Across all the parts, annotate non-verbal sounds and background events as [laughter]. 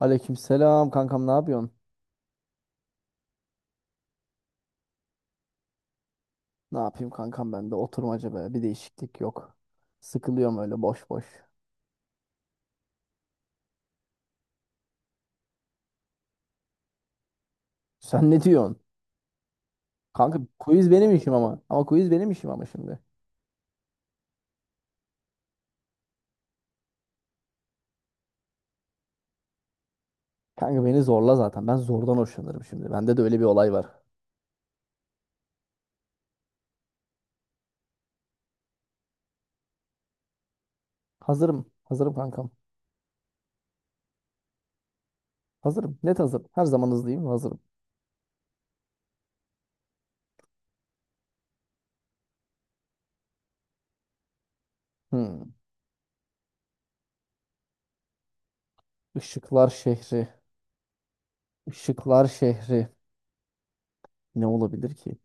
Aleykümselam kankam, ne yapıyorsun? Ne yapayım kankam, ben de oturmaca be bir değişiklik yok. Sıkılıyorum öyle boş boş. Sen ne diyorsun? Kanka quiz benim işim ama. Ama quiz benim işim ama şimdi. Kanka beni zorla zaten. Ben zordan hoşlanırım şimdi. Bende de öyle bir olay var. Hazırım. Hazırım kankam. Hazırım. Net hazırım. Her zaman hızlıyım. Hazırım. Hmm. Işıklar şehri. Işıklar şehri. Ne olabilir ki?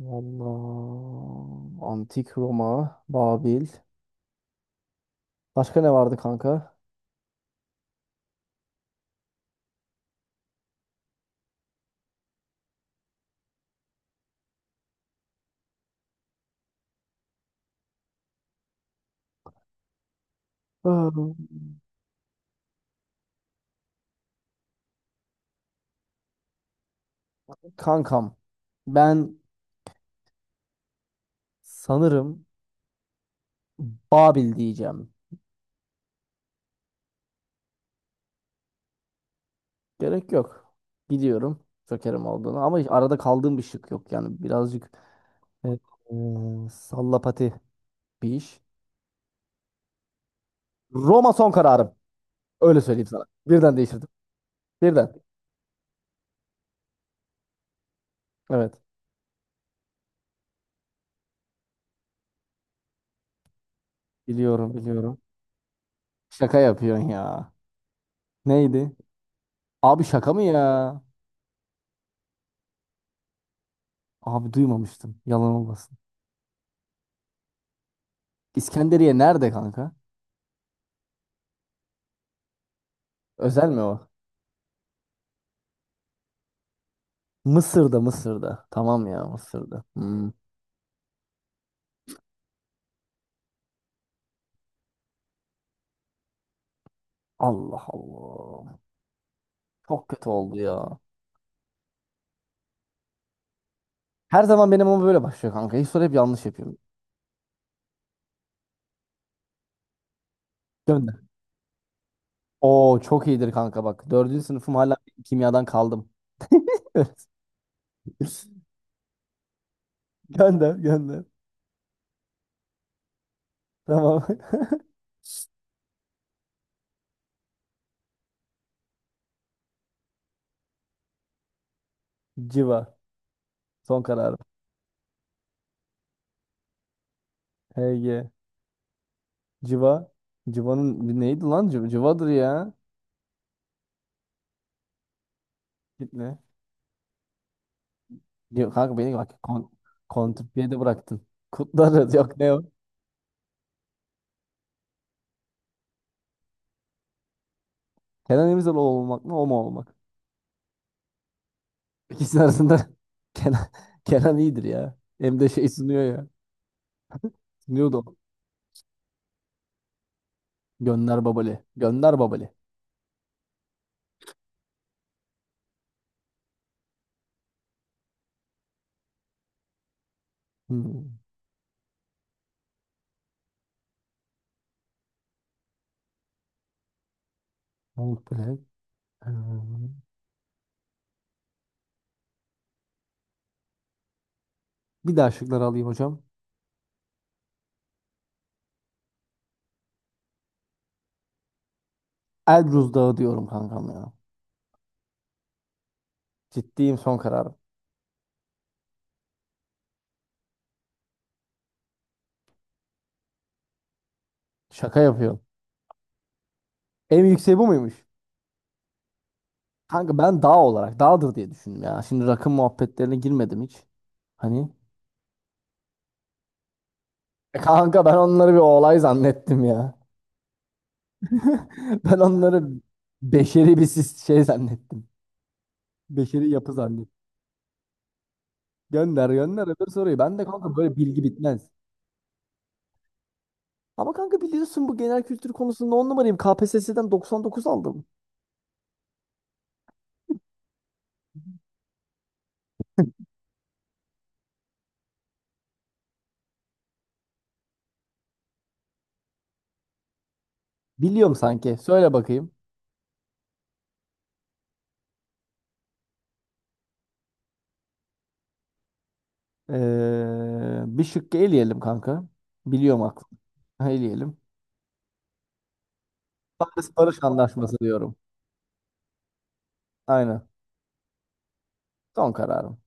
Vallahi antik Roma, Babil. Başka ne vardı kanka? Aa, kankam ben sanırım Babil diyeceğim. Gerek yok. Biliyorum Joker'im olduğunu ama arada kaldığım bir şık yok, yani birazcık sallapati bir iş. Roma son kararım. Öyle söyleyeyim sana. Birden değiştirdim. Birden. Evet. Biliyorum, biliyorum. Şaka yapıyorsun ya. Neydi? Abi şaka mı ya? Abi duymamıştım. Yalan olmasın. İskenderiye nerede kanka? Özel mi o? Mısır'da, Mısır'da. Tamam ya, Mısır'da. Hmm. Allah Allah. Çok kötü oldu ya. Her zaman benim ama böyle başlıyor kanka. Hiç soru hep yanlış yapıyorum. Gönder. Oo çok iyidir kanka bak. Dördüncü sınıfım hala kimyadan kaldım. [laughs] Gönder gönder. Tamam. [laughs] Civa. Son kararım. HG. Civa. Civa'nın bir neydi lan? Civa, Civa'dır ya. Kitle. Yok kanka, beni bak kontrpiyede bıraktın. Kutlarız. Yok, ne o? Kenan İmirzalıoğlu olmak mı? O mu olmak? İkisinin arasında [laughs] Kenan, Kenan iyidir ya. Hem de şey sunuyor ya. Sunuyordu o. Gönder babali. Gönder babali. Hmm. Mahmut Bülent. Hmm. Bir daha şıkları alayım hocam. Elbruz Dağı diyorum kankam ya. Ciddiyim son kararım. Şaka yapıyorum. En yükseği bu muymuş? Kanka ben dağ olarak dağdır diye düşündüm ya. Şimdi rakım muhabbetlerine girmedim hiç. Hani kanka ben onları bir olay zannettim ya. [laughs] Ben onları beşeri bir şey zannettim. Beşeri yapı zannettim. Gönder gönder öbür soruyu. Ben de kanka böyle bilgi bitmez. Ama kanka biliyorsun, bu genel kültür konusunda on numarayım. KPSS'den 99 aldım. Biliyorum sanki. Söyle bakayım. Bir şıkkı eleyelim kanka. Biliyorum aklım. [laughs] Eleyelim. Paris Barış Anlaşması diyorum. Aynen. Son kararım.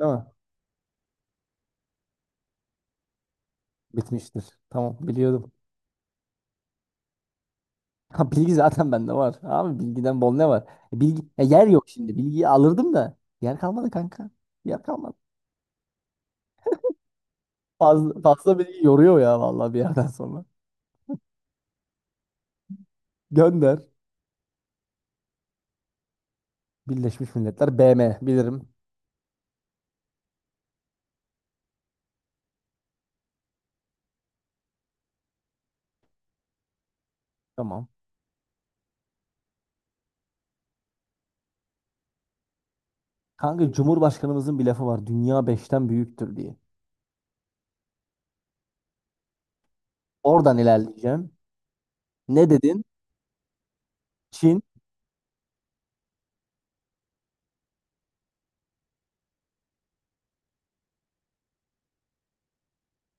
Değil mi? Bitmiştir. Tamam, biliyordum. [laughs] Ha, bilgi zaten bende var. Abi bilgiden bol ne var? Bilgi, yer yok şimdi. Bilgiyi alırdım da yer kalmadı kanka. Yer kalmadı. Fazla, fazla bilgi yoruyor ya vallahi bir yerden sonra. Gönder. Birleşmiş Milletler, BM bilirim. Tamam. Kanka Cumhurbaşkanımızın bir lafı var. Dünya beşten büyüktür diye. Oradan ilerleyeceğim. Ne dedin? Çin,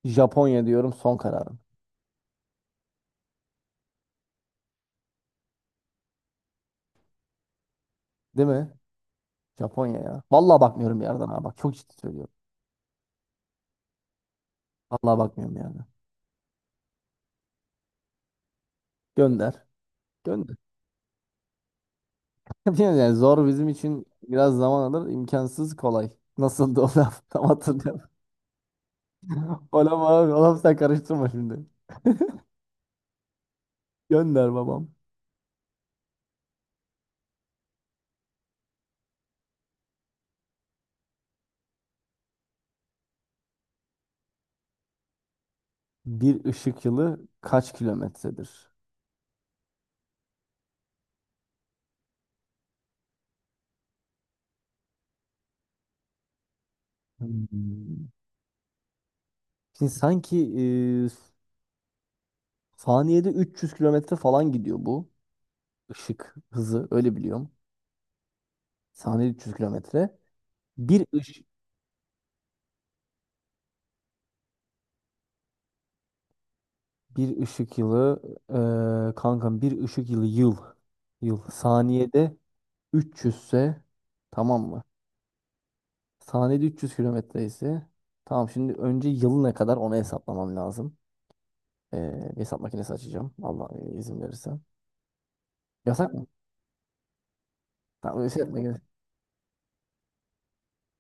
Japonya diyorum son kararım. Değil mi? Japonya ya. Vallahi bakmıyorum bir yerden, ha bak. Çok ciddi söylüyorum. Vallahi bakmıyorum yani. Gönder. Gönder. [laughs] Yani zor bizim için biraz zaman alır. İmkansız kolay. Nasıldı o laf? [laughs] Tam hatırlıyorum. O laf abi. O laf sen karıştırma şimdi. Gönder babam. Bir ışık yılı kaç kilometredir? Hmm. Şimdi sanki e, saniyede 300 kilometre falan gidiyor bu ışık hızı, öyle biliyorum. Saniyede 300 kilometre. Bir ış bir ışık yılı, kankam bir ışık yılı, yıl saniyede 300 ise, tamam mı? Saniyede 300 kilometre ise, tamam, şimdi önce yıl ne kadar onu hesaplamam lazım. E, Hesap makinesi açacağım, Allah izin verirse. Yasak mı? Tamam şey yapma gerek.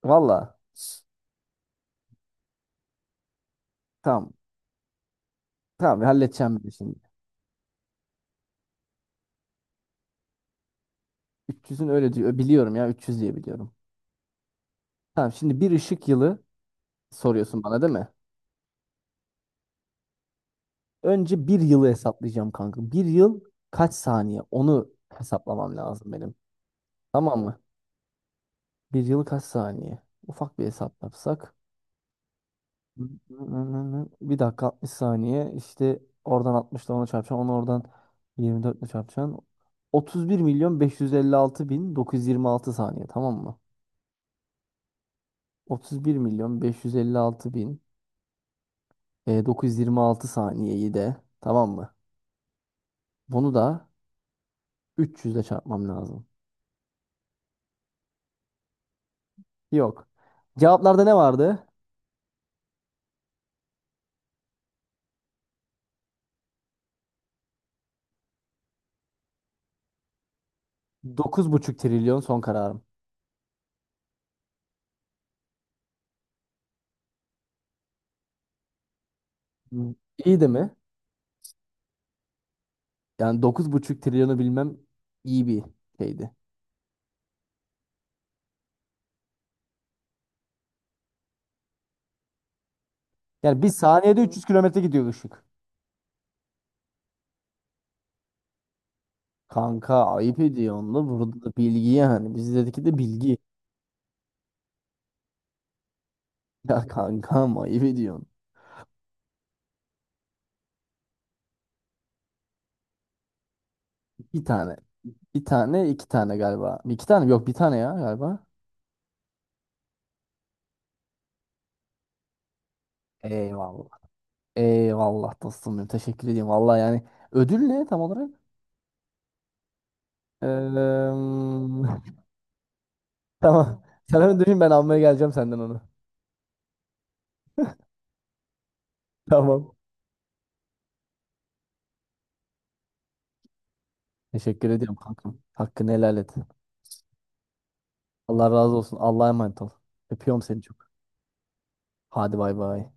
Valla. Tamam. Tamam, halledeceğim ben şimdi. 300'ün öyle diyor. Biliyorum ya, 300 diye biliyorum. Tamam şimdi, bir ışık yılı soruyorsun bana değil mi? Önce bir yılı hesaplayacağım kanka. Bir yıl kaç saniye? Onu hesaplamam lazım benim. Tamam mı? Bir yıl kaç saniye? Ufak bir hesap yapsak. Bir dakika 60 saniye. İşte oradan 60 ile ona çarpacaksın. Onu oradan 24 ile çarpacaksın. 31 milyon 556 bin 926 saniye, tamam mı? 31 milyon beş yüz elli altı bin, 926 saniyeyi de, tamam mı? Bunu da 300 ile çarpmam lazım. Yok. Cevaplarda ne vardı? 9,5 trilyon son kararım. Hmm. İyi de mi? Yani 9,5 trilyonu bilmem iyi bir şeydi. Yani bir saniyede 300 kilometre gidiyor ışık. Kanka ayıp ediyorsun da, burada da bilgi yani. Bizdeki de bilgi. [laughs] Ya kankam, ayıp ediyorsun. Bir tane. Bir tane, iki tane galiba. İki tane mi? Yok, bir tane ya galiba. Eyvallah. Eyvallah dostum benim. Teşekkür ediyorum. Vallahi yani, ödül ne tam olarak? Eee, [laughs] tamam. Sen onu düşün, ben almaya geleceğim senden onu. Tamam. Teşekkür ediyorum kankam. Hakkını helal et. Allah razı olsun. Allah'a emanet ol. Öpüyorum seni çok. Hadi bay bay.